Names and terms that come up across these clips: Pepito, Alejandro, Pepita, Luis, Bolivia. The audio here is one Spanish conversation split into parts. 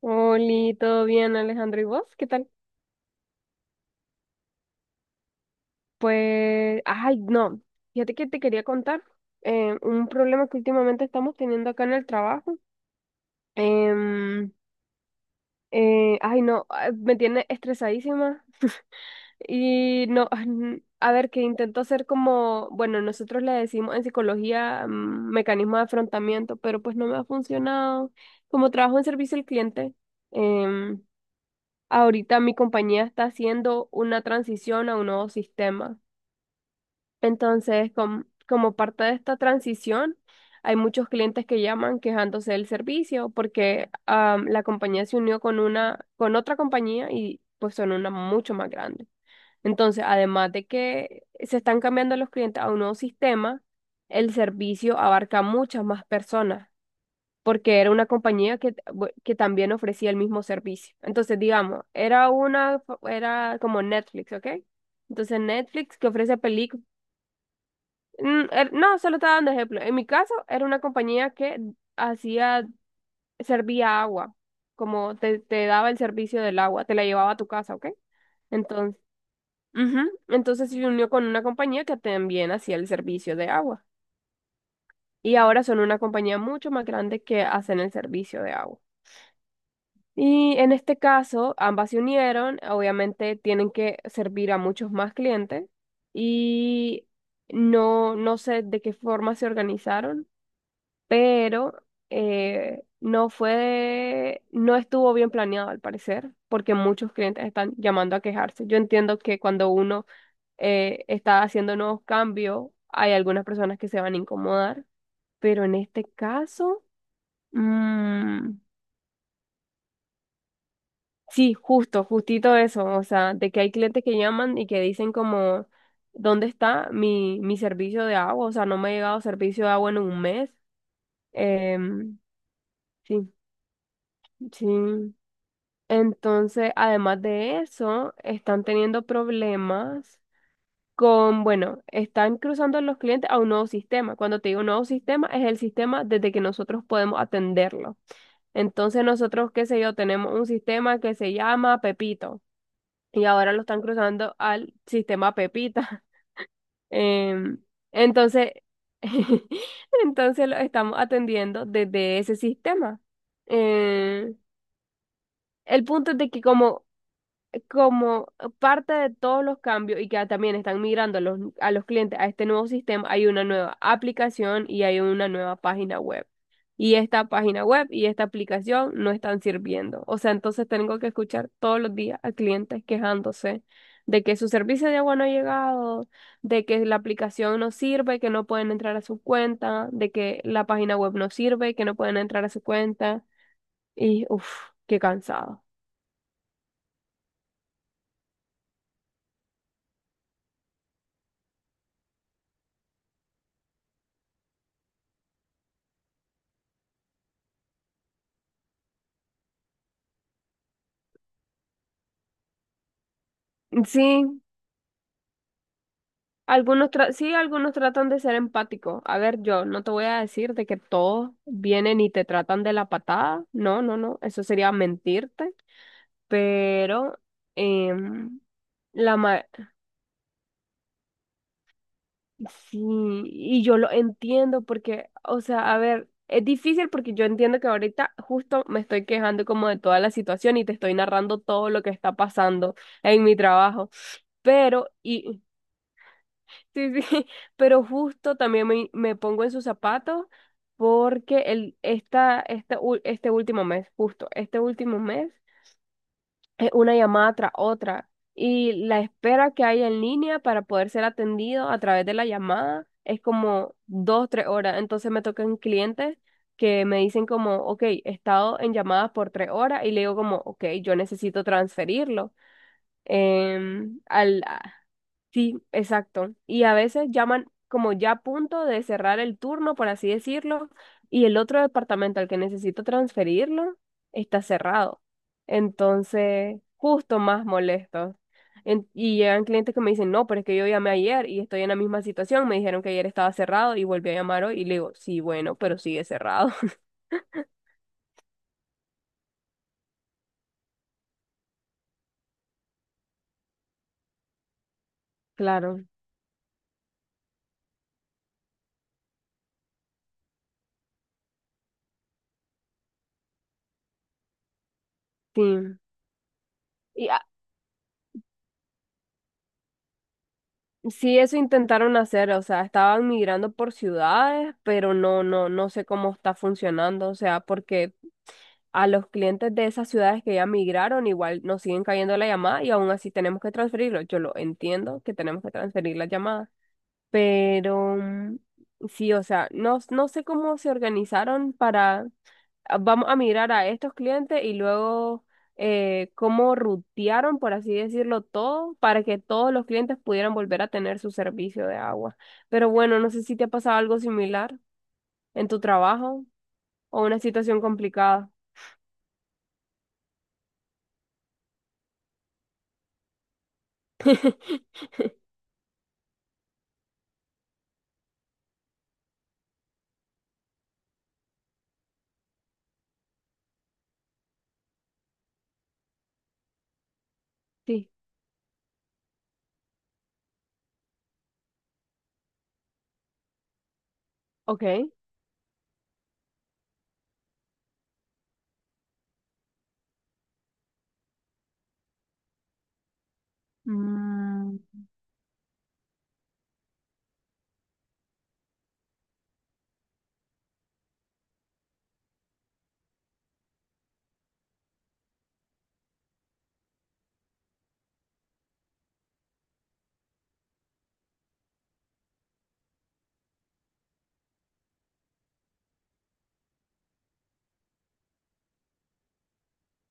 Hola, ¿todo bien, Alejandro? ¿Y vos? ¿Qué tal? Pues, ay, no, fíjate que te quería contar un problema que últimamente estamos teniendo acá en el trabajo. Em, ay, no, ah, me tiene estresadísima. Y no, a ver, que intento hacer como, bueno, nosotros le decimos en psicología mecanismo de afrontamiento, pero pues no me ha funcionado. Como trabajo en servicio al cliente, em, ahorita mi compañía está haciendo una transición a un nuevo sistema. Entonces, como parte de esta transición, hay muchos clientes que llaman quejándose del servicio porque la compañía se unió con una, con otra compañía y pues son una mucho más grande. Entonces, además de que se están cambiando los clientes a un nuevo sistema, el servicio abarca muchas más personas porque era una compañía que, que también ofrecía el mismo servicio. Entonces, digamos, era una, era como Netflix, ¿ok? Entonces, Netflix que ofrece películas, no, solo estaba dando ejemplo. En mi caso, era una compañía que hacía, servía agua, como te daba el servicio del agua, te la llevaba a tu casa, ¿ok? Entonces, ujú, entonces se unió con una compañía que también hacía el servicio de agua. Y ahora son una compañía mucho más grande que hacen el servicio de agua. Y en este caso, ambas se unieron, obviamente tienen que servir a muchos más clientes y no, no sé de qué forma se organizaron, pero no fue, no estuvo bien planeado al parecer, porque muchos clientes están llamando a quejarse. Yo entiendo que cuando uno está haciendo nuevos cambios, hay algunas personas que se van a incomodar, pero en este caso... mm, sí, justo, justito eso, o sea, de que hay clientes que llaman y que dicen como, ¿dónde está mi, mi servicio de agua? O sea, no me ha llegado servicio de agua en un mes. Em, sí, sí. Entonces, además de eso, están teniendo problemas bueno, están cruzando los clientes a un nuevo sistema. Cuando te digo nuevo sistema, es el sistema desde que nosotros podemos atenderlo. Entonces, nosotros, qué sé yo, tenemos un sistema que se llama Pepito. Y ahora lo están cruzando al sistema Pepita. Em, entonces, entonces lo estamos atendiendo desde ese sistema. Em, el punto es de que como parte de todos los cambios y que también están migrando a los clientes a este nuevo sistema, hay una nueva aplicación y hay una nueva página web. Y esta página web y esta aplicación no están sirviendo. O sea, entonces tengo que escuchar todos los días a clientes quejándose de que su servicio de agua no ha llegado, de que la aplicación no sirve, que no pueden entrar a su cuenta, de que la página web no sirve, que no pueden entrar a su cuenta. Y uff, qué cansado. Sí, sí, algunos tratan de ser empáticos. A ver, yo no te voy a decir de que todos vienen y te tratan de la patada. No, no, no. Eso sería mentirte. Pero em, la ma sí, y yo lo entiendo porque, o sea, a ver, es difícil porque yo entiendo que ahorita justo me estoy quejando como de toda la situación y te estoy narrando todo lo que está pasando en mi trabajo. Pero, y Sí, sí, pero justo también me pongo en sus zapatos porque el, esta ul- este último mes, justo este último mes, es una llamada tras otra y la espera que hay en línea para poder ser atendido a través de la llamada es como dos, tres horas. Entonces me tocan clientes que me dicen como, ok, he estado en llamadas por tres horas y le digo como, ok, yo necesito transferirlo. em, al, Sí, exacto. Y a veces llaman como ya a punto de cerrar el turno, por así decirlo, y el otro departamento al que necesito transferirlo está cerrado. Entonces, justo más molestos. Y llegan clientes que me dicen, no, pero es que yo llamé ayer y estoy en la misma situación. Me dijeron que ayer estaba cerrado y volví a llamar hoy y le digo, sí, bueno, pero sigue cerrado. Claro, sí. Y Sí, eso intentaron hacer, o sea, estaban migrando por ciudades, pero no, no, no sé cómo está funcionando, o sea, porque a los clientes de esas ciudades que ya migraron, igual nos siguen cayendo la llamada y aún así tenemos que transferirlo. Yo lo entiendo que tenemos que transferir las llamadas, pero sí, o sea, no, no sé cómo se organizaron para ah, vamos a mirar a estos clientes y luego cómo rutearon, por así decirlo, todo para que todos los clientes pudieran volver a tener su servicio de agua. Pero bueno, no sé si te ha pasado algo similar en tu trabajo o una situación complicada. Sí, ok. Mm.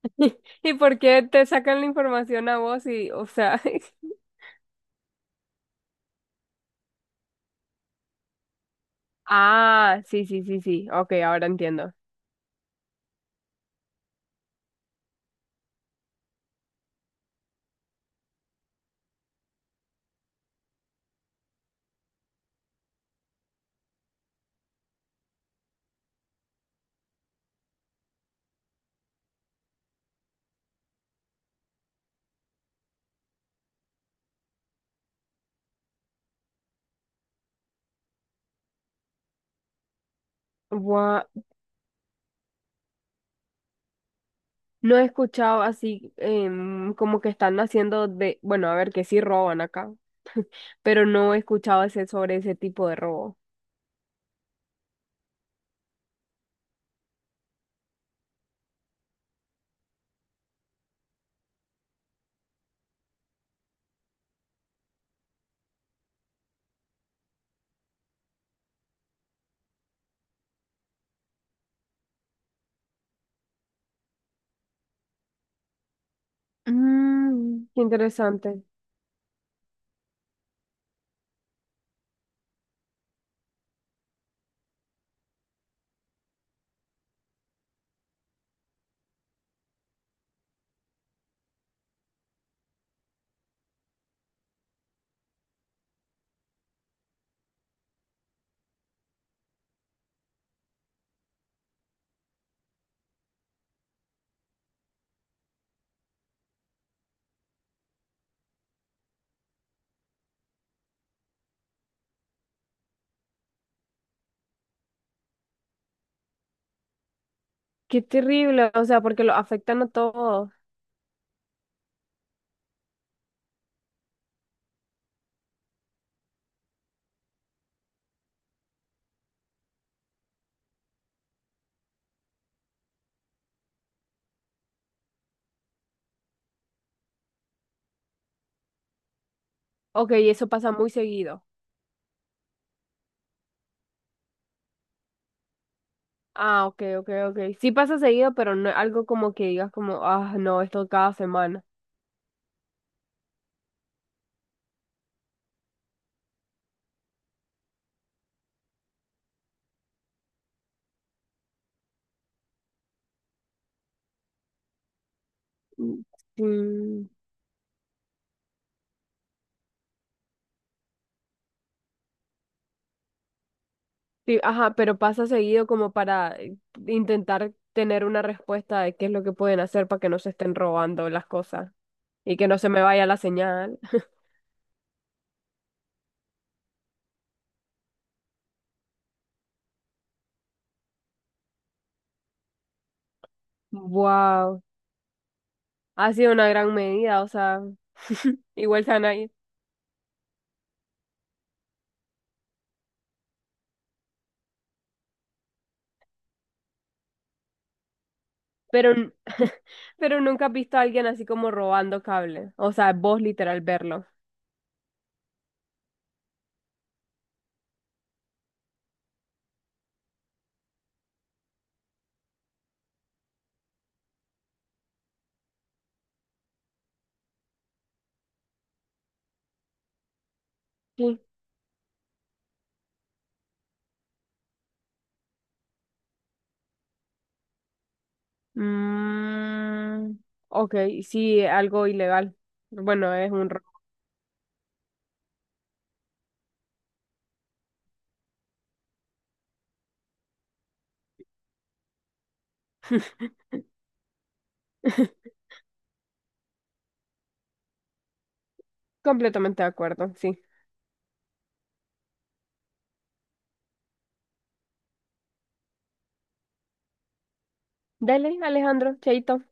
¿Y por qué te sacan la información a vos y, o sea? Ah, sí, sí, sí, sí, ok, ahora entiendo. Gua- No he escuchado así como que están haciendo de, bueno, a ver, que sí roban acá, pero no he escuchado ese, sobre ese tipo de robo. Mm, qué interesante. Qué terrible, o sea, porque lo afectan a todos. Ok, eso pasa muy seguido. Ah, ok, ok, ok. Sí pasa seguido, pero no es algo como que digas como, ah, no, esto cada semana. Mm. Sí. Sí, ajá, pero pasa seguido como para intentar tener una respuesta de qué es lo que pueden hacer para que no se estén robando las cosas y que no se me vaya la señal. Wow. Ha sido una gran medida, o sea, igual se van a ir. Pero, pero nunca has visto a alguien así como robando cable. O sea, vos literal verlo. Sí. Mm, ok, sí, algo ilegal. Bueno, es un robo. Completamente de acuerdo, sí. Dale, Alejandro, chaito.